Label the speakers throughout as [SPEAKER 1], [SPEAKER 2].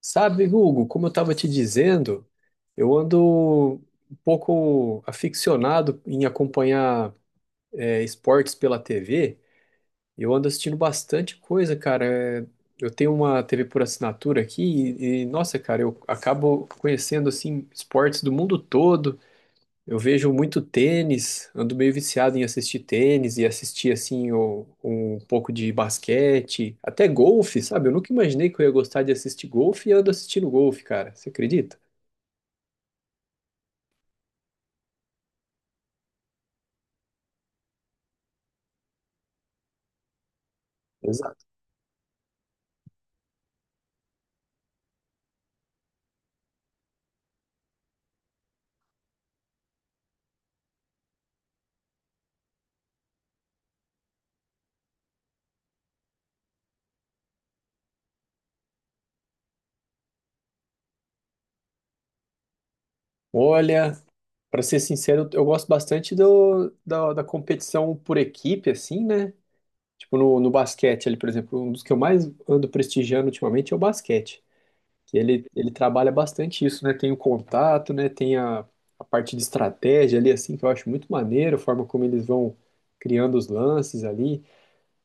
[SPEAKER 1] Sabe, Hugo, como eu estava te dizendo, eu ando um pouco aficionado em acompanhar esportes pela TV. Eu ando assistindo bastante coisa, cara. É, Eu tenho uma TV por assinatura aqui e, nossa, cara, eu acabo conhecendo assim esportes do mundo todo. Eu vejo muito tênis, ando meio viciado em assistir tênis e assistir pouco de basquete, até golfe, sabe? Eu nunca imaginei que eu ia gostar de assistir golfe e ando assistindo golfe, cara. Você acredita? Exato. Olha, para ser sincero, eu gosto bastante da competição por equipe, assim, né? Tipo no basquete ali, por exemplo, um dos que eu mais ando prestigiando ultimamente é o basquete. Que ele trabalha bastante isso, né? Tem o contato, né? Tem a parte de estratégia ali, assim, que eu acho muito maneiro, a forma como eles vão criando os lances ali.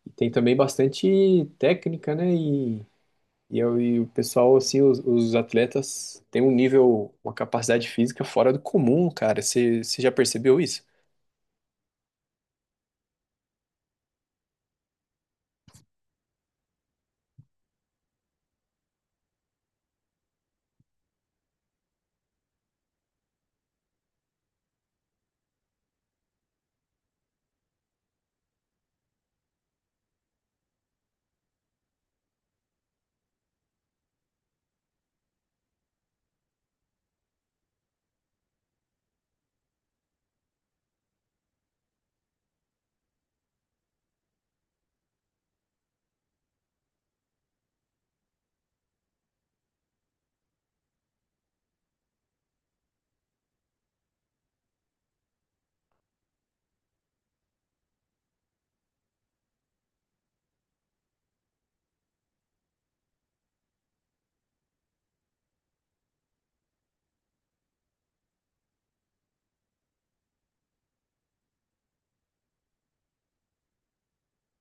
[SPEAKER 1] E tem também bastante técnica, né? E o pessoal, assim, os atletas têm um nível, uma capacidade física fora do comum, cara. Você já percebeu isso?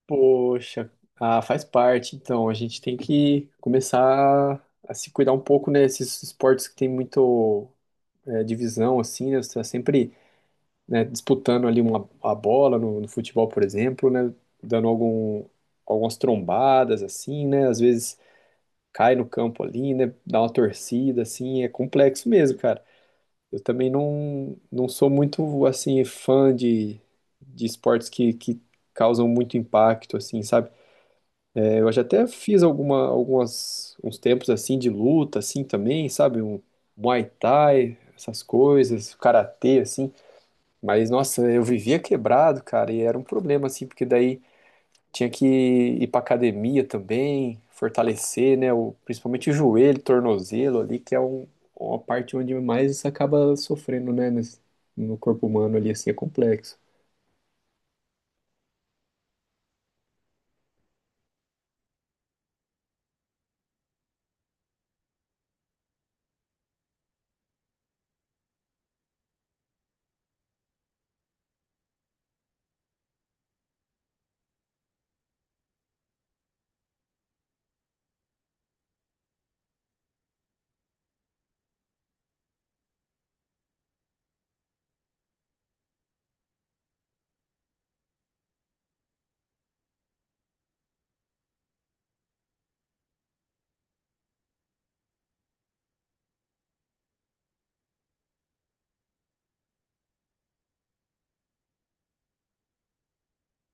[SPEAKER 1] Poxa, ah, faz parte. Então, a gente tem que começar a se cuidar um pouco, né? Esses esportes que tem muito divisão, assim, né? Você está sempre, né, disputando ali a bola no futebol, por exemplo, né? Dando algumas trombadas, assim, né? Às vezes cai no campo ali, né? Dá uma torcida, assim, é complexo mesmo, cara. Eu também não sou muito, assim, fã de, de esportes que causam muito impacto, assim, sabe? É, eu já até fiz uns tempos, assim, de luta, assim, também, sabe? Um Muay Thai, essas coisas, karatê, assim. Mas, nossa, eu vivia quebrado, cara, e era um problema, assim, porque daí tinha que ir pra academia também, fortalecer, né, o, principalmente o joelho, tornozelo ali, que é uma parte onde mais você acaba sofrendo, né, no corpo humano ali, assim, é complexo.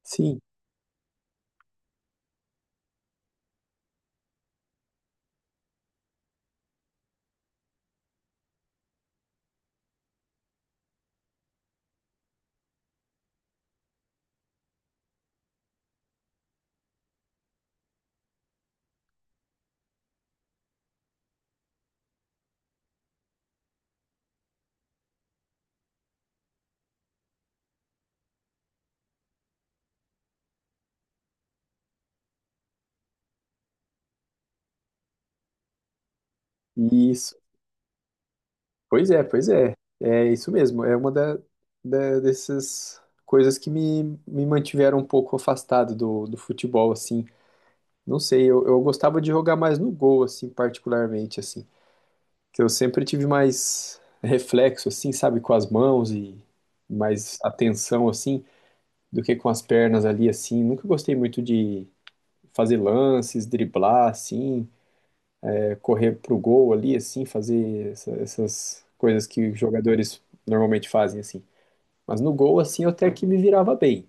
[SPEAKER 1] Sim, isso. Pois é, pois é. É isso mesmo, é uma dessas coisas que me mantiveram um pouco afastado do futebol, assim. Não sei, eu gostava de jogar mais no gol, assim, particularmente, assim. Que eu sempre tive mais reflexo, assim, sabe, com as mãos e mais atenção, assim, do que com as pernas ali, assim. Nunca gostei muito de fazer lances, driblar, assim, é, correr pro gol ali, assim, fazer essas coisas que os jogadores normalmente fazem, assim. Mas no gol, assim, eu até que me virava bem.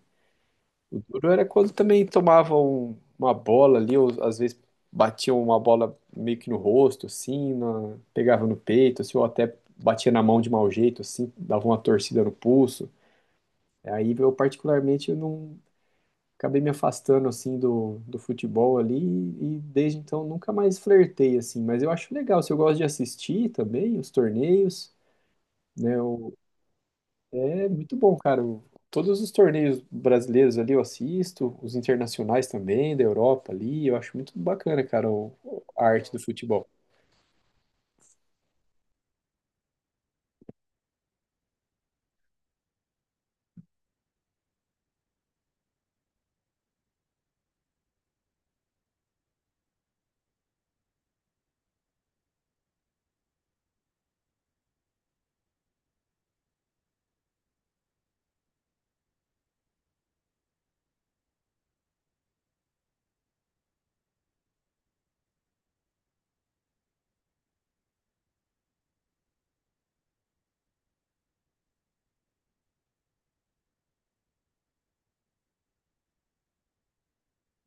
[SPEAKER 1] O duro era quando também tomavam uma bola ali, ou às vezes batiam uma bola meio que no rosto, assim, na pegava no peito, assim, ou até batia na mão de mau jeito, assim, dava uma torcida no pulso. Aí eu particularmente eu não, acabei me afastando assim do futebol ali e desde então nunca mais flertei assim, mas eu acho legal, se eu gosto de assistir também os torneios, né? É muito bom, cara. O todos os torneios brasileiros ali eu assisto, os internacionais também, da Europa ali, eu acho muito bacana, cara, o a arte do futebol.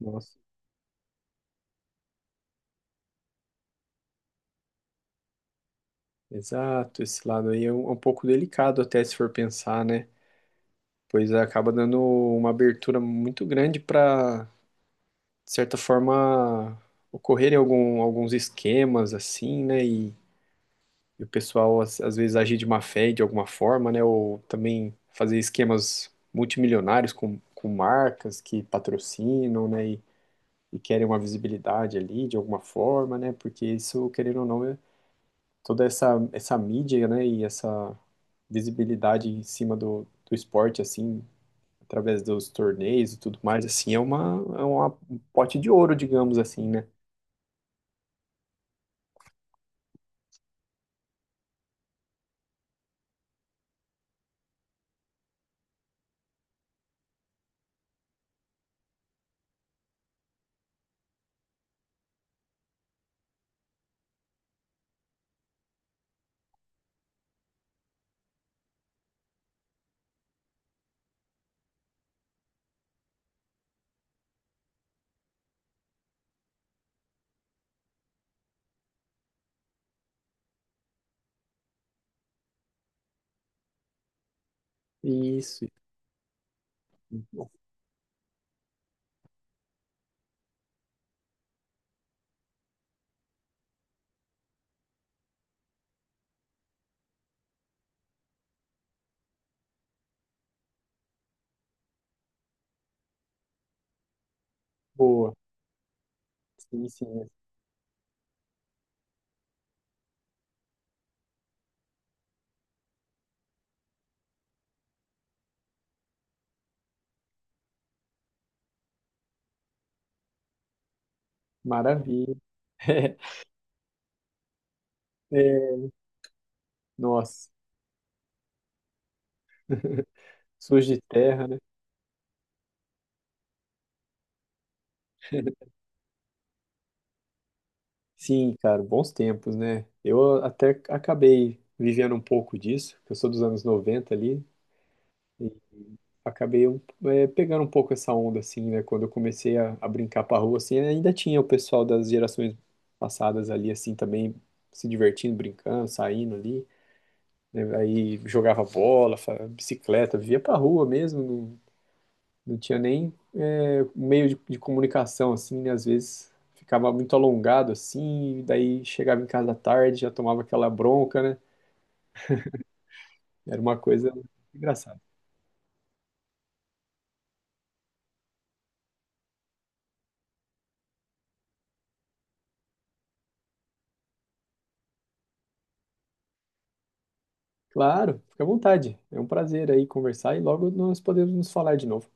[SPEAKER 1] Nossa. Exato, esse lado aí é um pouco delicado até se for pensar, né? Pois acaba dando uma abertura muito grande para, de certa forma, ocorrerem alguns esquemas assim, né? E o pessoal, às vezes, agir de má fé de alguma forma, né? Ou também fazer esquemas multimilionários com marcas que patrocinam, né? E querem uma visibilidade ali de alguma forma, né? Porque isso, querendo ou não, é toda essa mídia, né? E essa visibilidade em cima do esporte, assim, através dos torneios e tudo mais, assim, é um pote de ouro, digamos assim, né? Isso, boa. Sim, sim. Maravilha. É, nossa. Sujo de terra, né? Sim, cara, bons tempos, né? Eu até acabei vivendo um pouco disso, porque eu sou dos anos 90 ali, e acabei pegando um pouco essa onda, assim, né? Quando eu comecei a brincar pra rua, assim, ainda tinha o pessoal das gerações passadas ali, assim, também se divertindo, brincando, saindo ali, né? Aí jogava bola, fa- bicicleta, vivia pra rua mesmo. Não tinha nem é, meio de comunicação, assim, né? Às vezes ficava muito alongado, assim, e daí chegava em casa à tarde, já tomava aquela bronca, né? Era uma coisa engraçada. Claro, fica à vontade. É um prazer aí conversar e logo nós podemos nos falar de novo.